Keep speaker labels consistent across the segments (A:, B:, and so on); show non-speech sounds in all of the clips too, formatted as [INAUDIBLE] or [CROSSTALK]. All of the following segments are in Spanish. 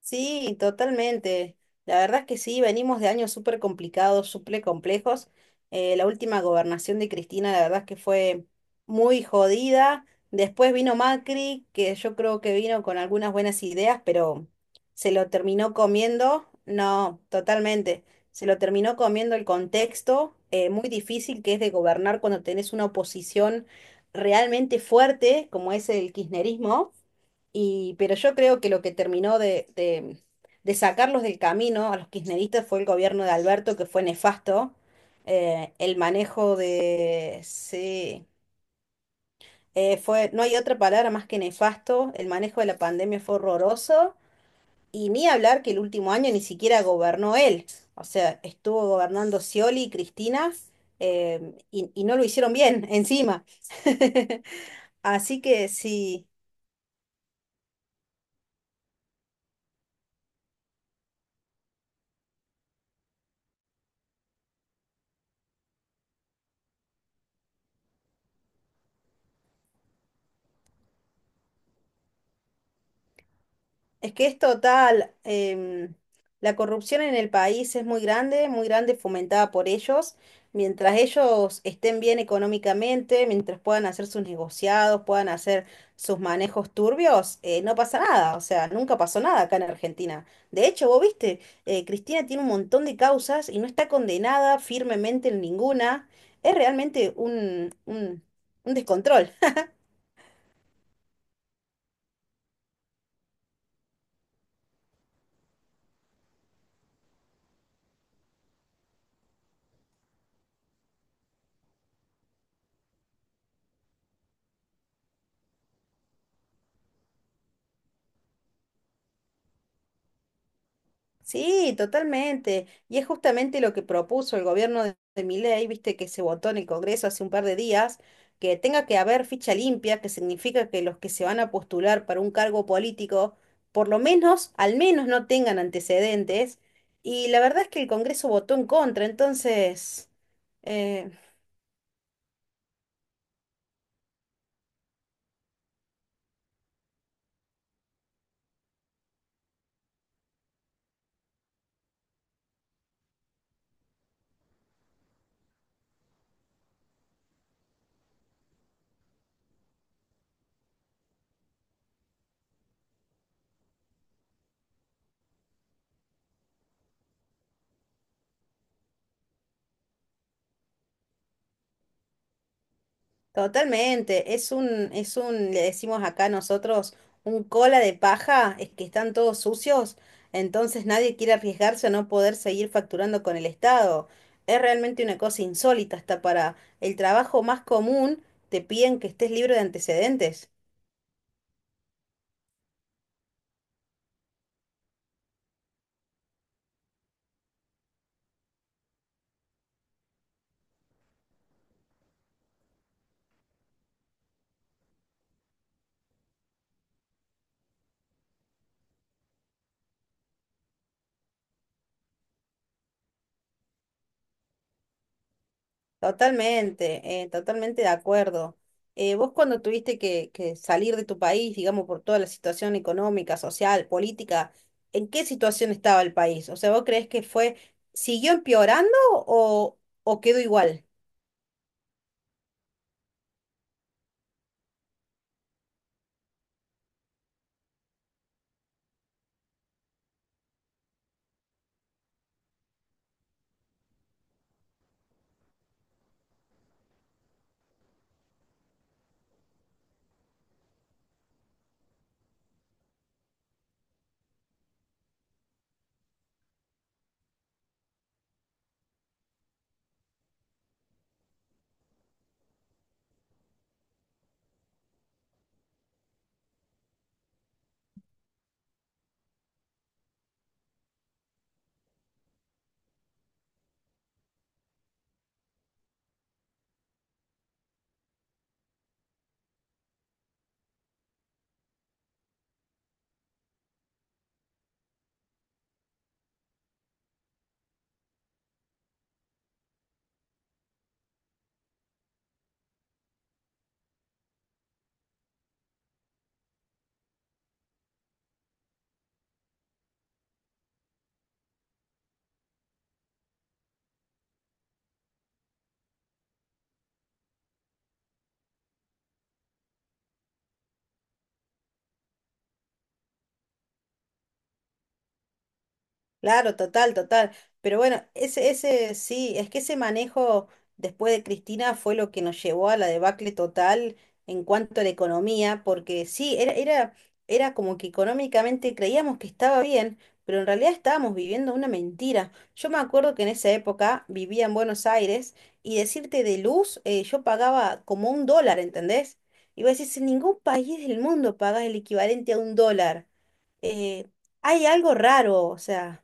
A: Sí, totalmente. La verdad es que sí, venimos de años súper complicados, súper complejos. La última gobernación de Cristina, la verdad es que fue muy jodida. Después vino Macri, que yo creo que vino con algunas buenas ideas, pero se lo terminó comiendo. No, totalmente. Se lo terminó comiendo el contexto, muy difícil que es de gobernar cuando tenés una oposición realmente fuerte, como es el kirchnerismo. Y pero yo creo que lo que terminó de sacarlos del camino a los kirchneristas fue el gobierno de Alberto, que fue nefasto. El manejo de... Sí, fue, No hay otra palabra más que nefasto. El manejo de la pandemia fue horroroso. Y ni hablar que el último año ni siquiera gobernó él. O sea, estuvo gobernando Scioli y Cristina, y no lo hicieron bien [LAUGHS] encima. [LAUGHS] Así que sí. Es que es total, la corrupción en el país es muy grande, fomentada por ellos. Mientras ellos estén bien económicamente, mientras puedan hacer sus negociados, puedan hacer sus manejos turbios, no pasa nada. O sea, nunca pasó nada acá en Argentina. De hecho, vos viste, Cristina tiene un montón de causas y no está condenada firmemente en ninguna. Es realmente un descontrol. Sí, totalmente. Y es justamente lo que propuso el gobierno de Milei, viste que se votó en el Congreso hace un par de días, que tenga que haber ficha limpia, que significa que los que se van a postular para un cargo político, por lo menos, al menos no tengan antecedentes. Y la verdad es que el Congreso votó en contra, eh, totalmente. Le decimos acá nosotros un cola de paja, es que están todos sucios, entonces nadie quiere arriesgarse a no poder seguir facturando con el Estado. Es realmente una cosa insólita, hasta para el trabajo más común te piden que estés libre de antecedentes. Totalmente, totalmente de acuerdo. Vos cuando tuviste que salir de tu país, digamos, por toda la situación económica, social, política, ¿en qué situación estaba el país? O sea, ¿vos crees que fue, siguió empeorando o quedó igual? Claro, total, total. Pero bueno, sí, es que ese manejo después de Cristina fue lo que nos llevó a la debacle total en cuanto a la economía, porque sí, era como que económicamente creíamos que estaba bien, pero en realidad estábamos viviendo una mentira. Yo me acuerdo que en esa época vivía en Buenos Aires y decirte de luz, yo pagaba como un dólar, ¿entendés? Y vos decís, en ningún país del mundo pagas el equivalente a un dólar. Eh, Hay algo raro, o sea.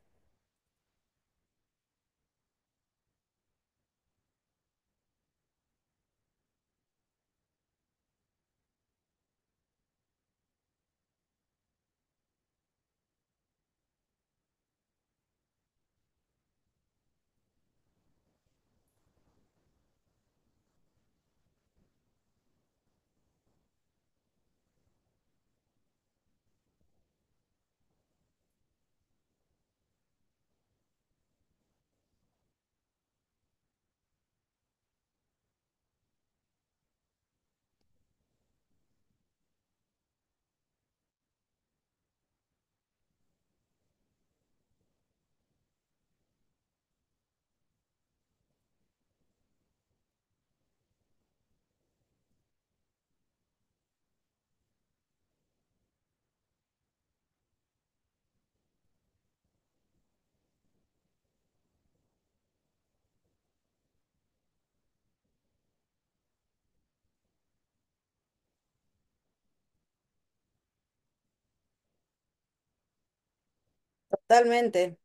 A: Totalmente,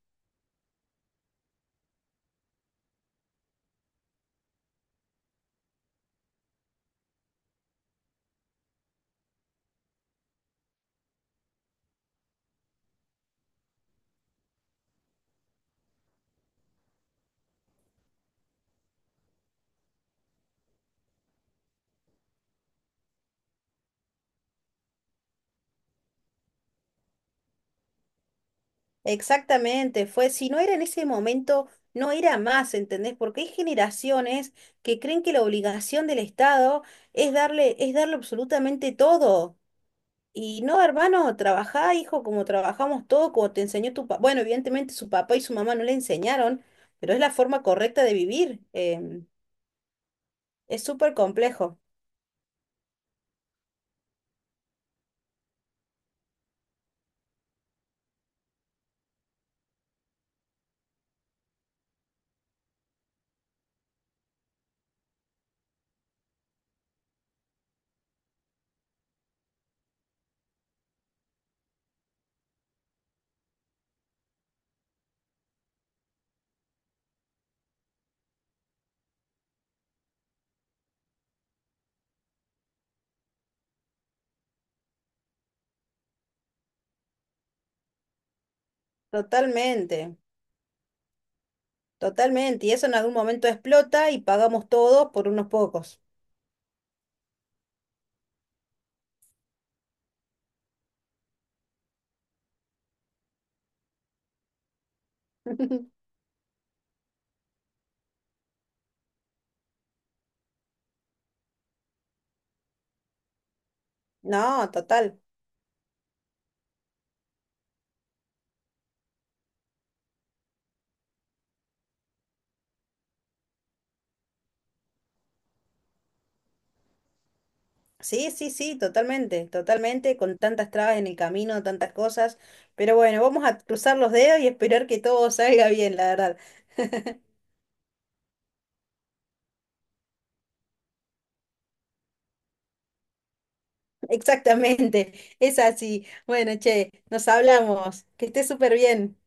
A: exactamente, fue, si no era en ese momento, no era más, ¿entendés? Porque hay generaciones que creen que la obligación del Estado es darle absolutamente todo. Y no, hermano, trabajá, hijo, como trabajamos todos, como te enseñó tu papá. Bueno, evidentemente su papá y su mamá no le enseñaron, pero es la forma correcta de vivir. Es súper complejo, totalmente, totalmente. Y eso en algún momento explota y pagamos todos por unos pocos. [LAUGHS] No, total. Sí, sí, sí, totalmente, totalmente, con tantas trabas en el camino, tantas cosas, pero bueno, vamos a cruzar los dedos y esperar que todo salga bien, la verdad. [LAUGHS] Exactamente, es así. Bueno, che, nos hablamos, que esté súper bien.